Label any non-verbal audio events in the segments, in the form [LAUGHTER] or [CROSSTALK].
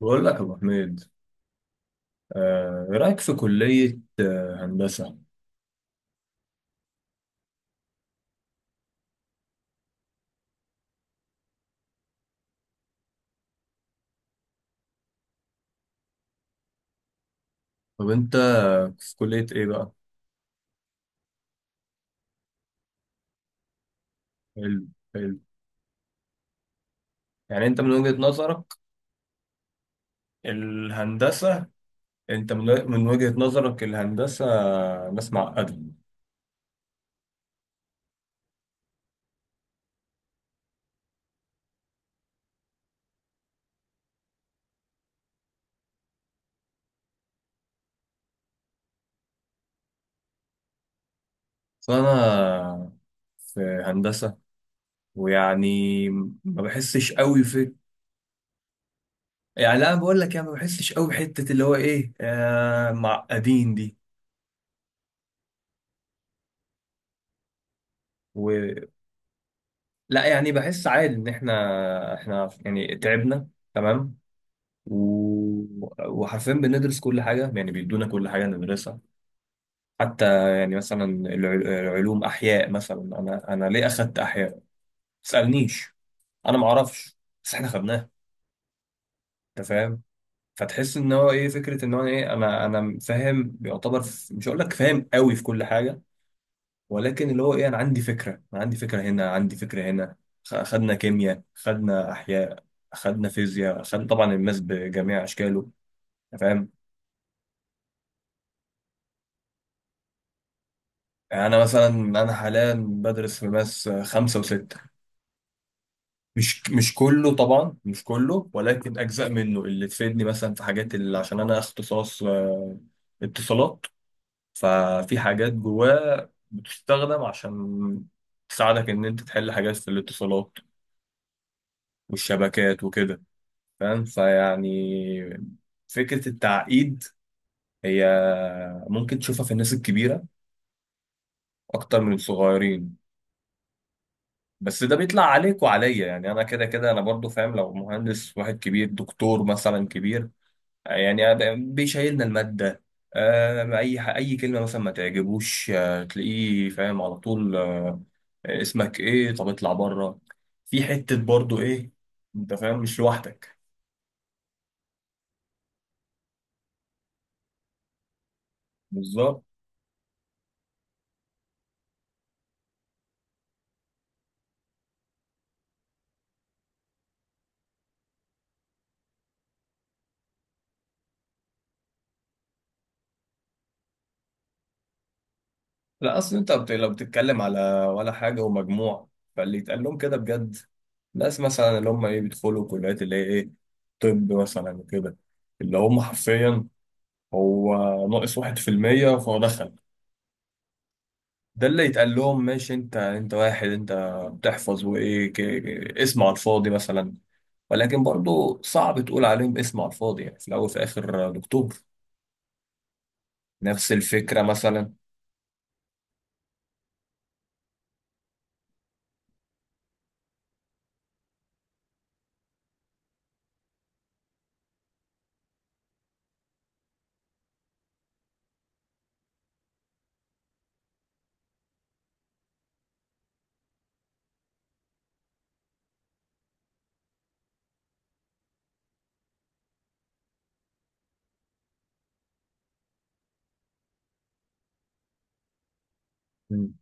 بقول لك يا ابو حميد. ايه رايك في كليه هندسه؟ طب انت في كليه ايه بقى؟ حلو حلو. يعني انت من وجهه نظرك الهندسه، انت من وجهه نظرك الهندسه ناس معقده؟ فانا في هندسه ويعني ما بحسش قوي في، يعني لا أنا بقول لك يعني ما بحسش قوي بحته اللي هو ايه معقدين دي. و... لا يعني بحس عادي ان احنا يعني تعبنا تمام. و... وحرفيا بندرس كل حاجة، يعني بيدونا كل حاجة ندرسها، حتى يعني مثلا العلوم أحياء، مثلا أنا ليه أخدت أحياء؟ ما تسألنيش، أنا ما أعرفش، بس إحنا خدناها. أنت فاهم؟ فتحس إن هو إيه، فكرة إن هو إيه، أنا فاهم يعتبر مش هقول لك فاهم قوي في كل حاجة، ولكن اللي هو إيه، أنا عندي فكرة، أنا عندي فكرة هنا، عندي فكرة هنا. خدنا كيمياء، خدنا أحياء، خدنا فيزياء، خدنا طبعا الماس بجميع أشكاله. أنت فاهم. يعني أنا مثلا أنا حاليا بدرس في ماس 5 و6. مش كله طبعا، مش كله، ولكن أجزاء منه اللي تفيدني مثلا في حاجات، اللي عشان أنا اختصاص اتصالات، ففي حاجات جواه بتستخدم عشان تساعدك إن أنت تحل حاجات في الاتصالات والشبكات وكده. فاهم، فيعني فكرة التعقيد هي ممكن تشوفها في الناس الكبيرة أكتر من الصغيرين، بس ده بيطلع عليك وعليا. يعني انا كده كده انا برضو فاهم لو مهندس واحد كبير، دكتور مثلا كبير، يعني أنا بيشيلنا المادة، اي كلمة مثلا ما تعجبوش، تلاقيه فاهم على طول، اسمك ايه، طب اطلع بره. في حتة برضو ايه، انت فاهم، مش لوحدك. بالظبط. لا اصل انت لو بتتكلم على ولا حاجة ومجموع، فاللي يتقال لهم كده بجد ناس مثلا اللي هم ايه بيدخلوا كليات اللي هي ايه، طب مثلا وكده، اللي هم حرفيا هو ناقص 1% فهو دخل، ده اللي يتقال لهم ماشي. انت انت واحد، انت بتحفظ وايه، اسم على الفاضي مثلا، ولكن برضو صعب تقول عليهم اسم على الفاضي يعني، في الاول وفي الاخر دكتور، نفس الفكرة مثلا. مم.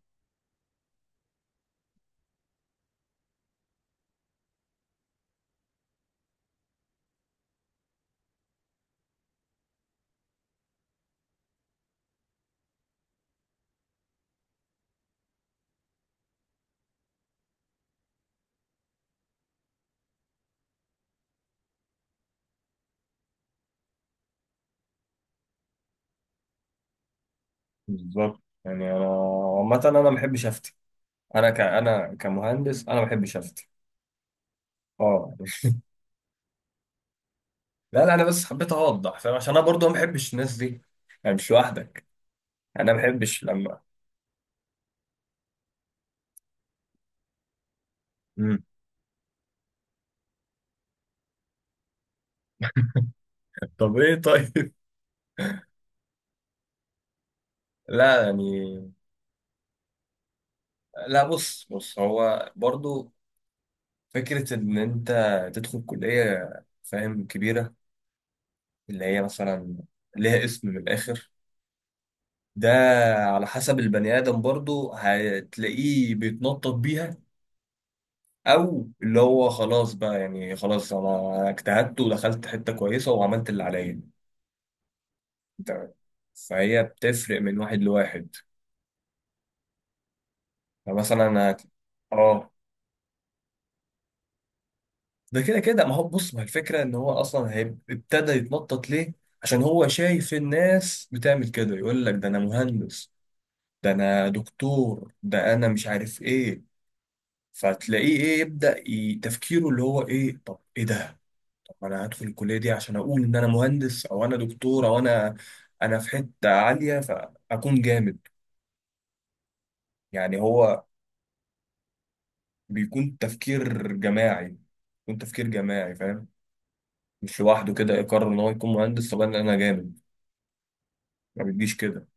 بالظبط. يعني انا عامة انا ما بحبش افتي، انا كمهندس انا ما بحبش افتي. اه. لا لا، انا بس حبيت اوضح، فاهم، عشان انا برضو ما بحبش الناس دي، يعني مش لوحدك. انا ما بحبش لما. مم. [LAUGHS] طب ايه طيب. [LAUGHS] لا يعني. لا بص بص، هو برضو فكرة إن أنت تدخل كلية فاهم كبيرة، اللي هي مثلا ليها اسم من الآخر، ده على حسب البني آدم، برضو هتلاقيه بيتنطط بيها، أو اللي هو خلاص بقى، يعني خلاص أنا اجتهدت ودخلت حتة كويسة وعملت اللي عليا. أنت. فهي بتفرق من واحد لواحد. فمثلا اه، ده كده كده، ما هو بص، ما الفكرة ان هو اصلا ابتدى يتنطط ليه، عشان هو شايف الناس بتعمل كده، يقول لك ده انا مهندس، ده انا دكتور، ده انا مش عارف ايه، فتلاقيه ايه يبدأ تفكيره اللي هو ايه، طب ايه ده؟ طب انا هدخل الكلية دي عشان اقول ان انا مهندس او انا دكتور او انا، انا في حتة عالية فاكون جامد. يعني هو بيكون تفكير جماعي، بيكون تفكير جماعي، فاهم؟ مش لوحده كده يقرر ان هو يكون مهندس، طب أنا جامد، ما بتجيش كده.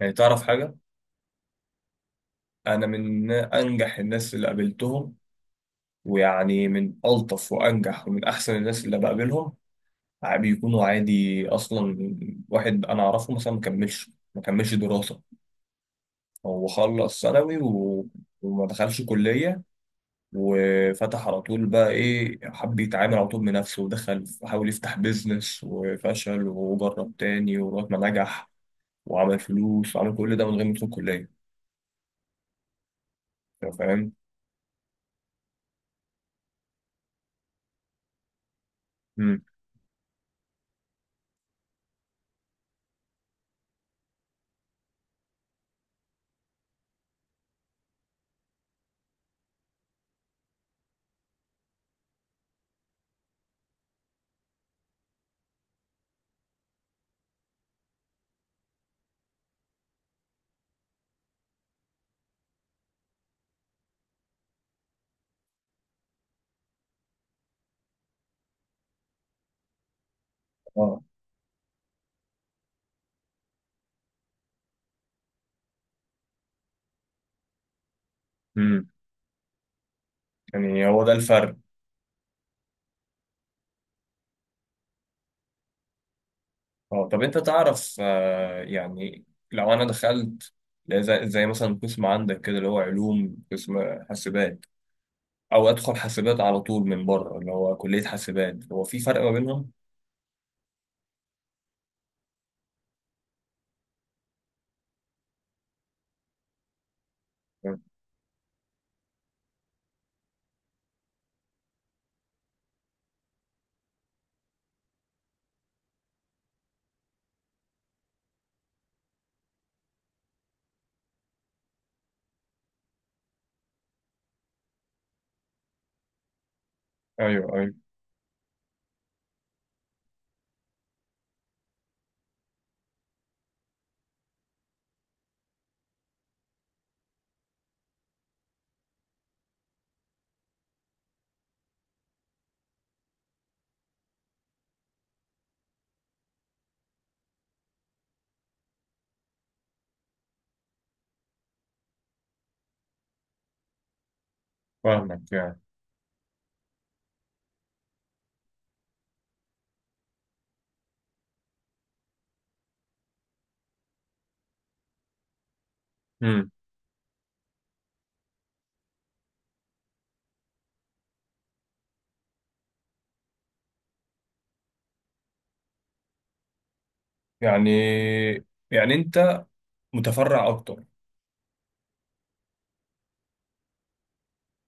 يعني تعرف حاجة، أنا من أنجح الناس اللي قابلتهم، ويعني من ألطف وأنجح ومن أحسن الناس اللي بقابلهم، بيكونوا عادي أصلا. واحد أنا أعرفه مثلا ما كملش دراسة، هو خلص ثانوي وما دخلش كلية، وفتح على طول بقى إيه، حب يتعامل على طول بنفسه ودخل، وحاول يفتح بيزنس وفشل، وجرب تاني ولغاية ما نجح وعمل فلوس، وعمل كل ده من غير ما يدخل كلية. فاهم؟ مم. اه. مم. يعني هو ده الفرق؟ اه، طب انت تعرف، يعني لو انا دخلت زي مثلا قسم عندك كده اللي هو علوم قسم حاسبات، او ادخل حاسبات على طول من بره اللي هو كلية حاسبات، هو في فرق ما بينهم؟ ايوه ايوه، فاهمك يعني. امم. يعني يعني انت متفرع اكتر،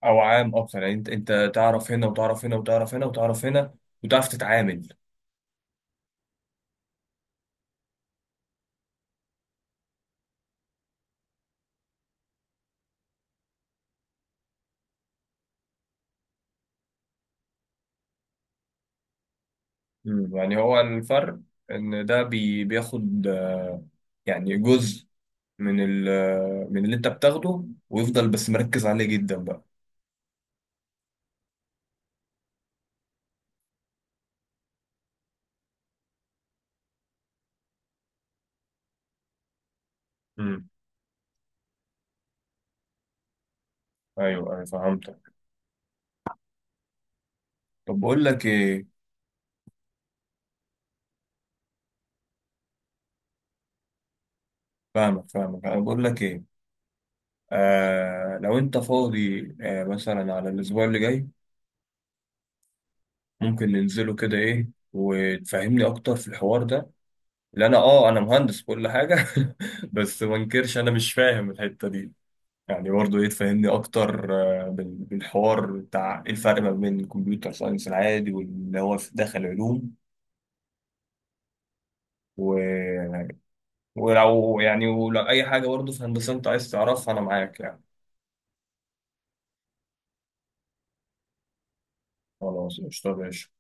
او عام اكتر، يعني انت تعرف هنا وتعرف هنا وتعرف هنا وتعرف هنا، وتعرف تتعامل. مم. يعني هو الفرق ان ده بياخد، يعني جزء من من اللي انت بتاخده، ويفضل بس مركز عليه جدا بقى. امم. ايوه ايوه، فهمتك. طب بقول لك ايه، فاهمك فاهمك، انا بقول لك ايه، لو انت فاضي، مثلا على الاسبوع اللي جاي، ممكن ننزله كده ايه وتفهمني اكتر في الحوار ده، لان انا مهندس كل حاجه، [LAUGHS] بس ما انكرش انا مش فاهم الحته دي، يعني برضه ايه، تفهمني اكتر بالحوار بتاع ايه الفرق ما بين الكمبيوتر ساينس العادي واللي هو في داخل علوم. ولو أي حاجة برضه في هندسة أنت عايز تعرفها أنا معاك يعني. خلاص قشطة يا باشا.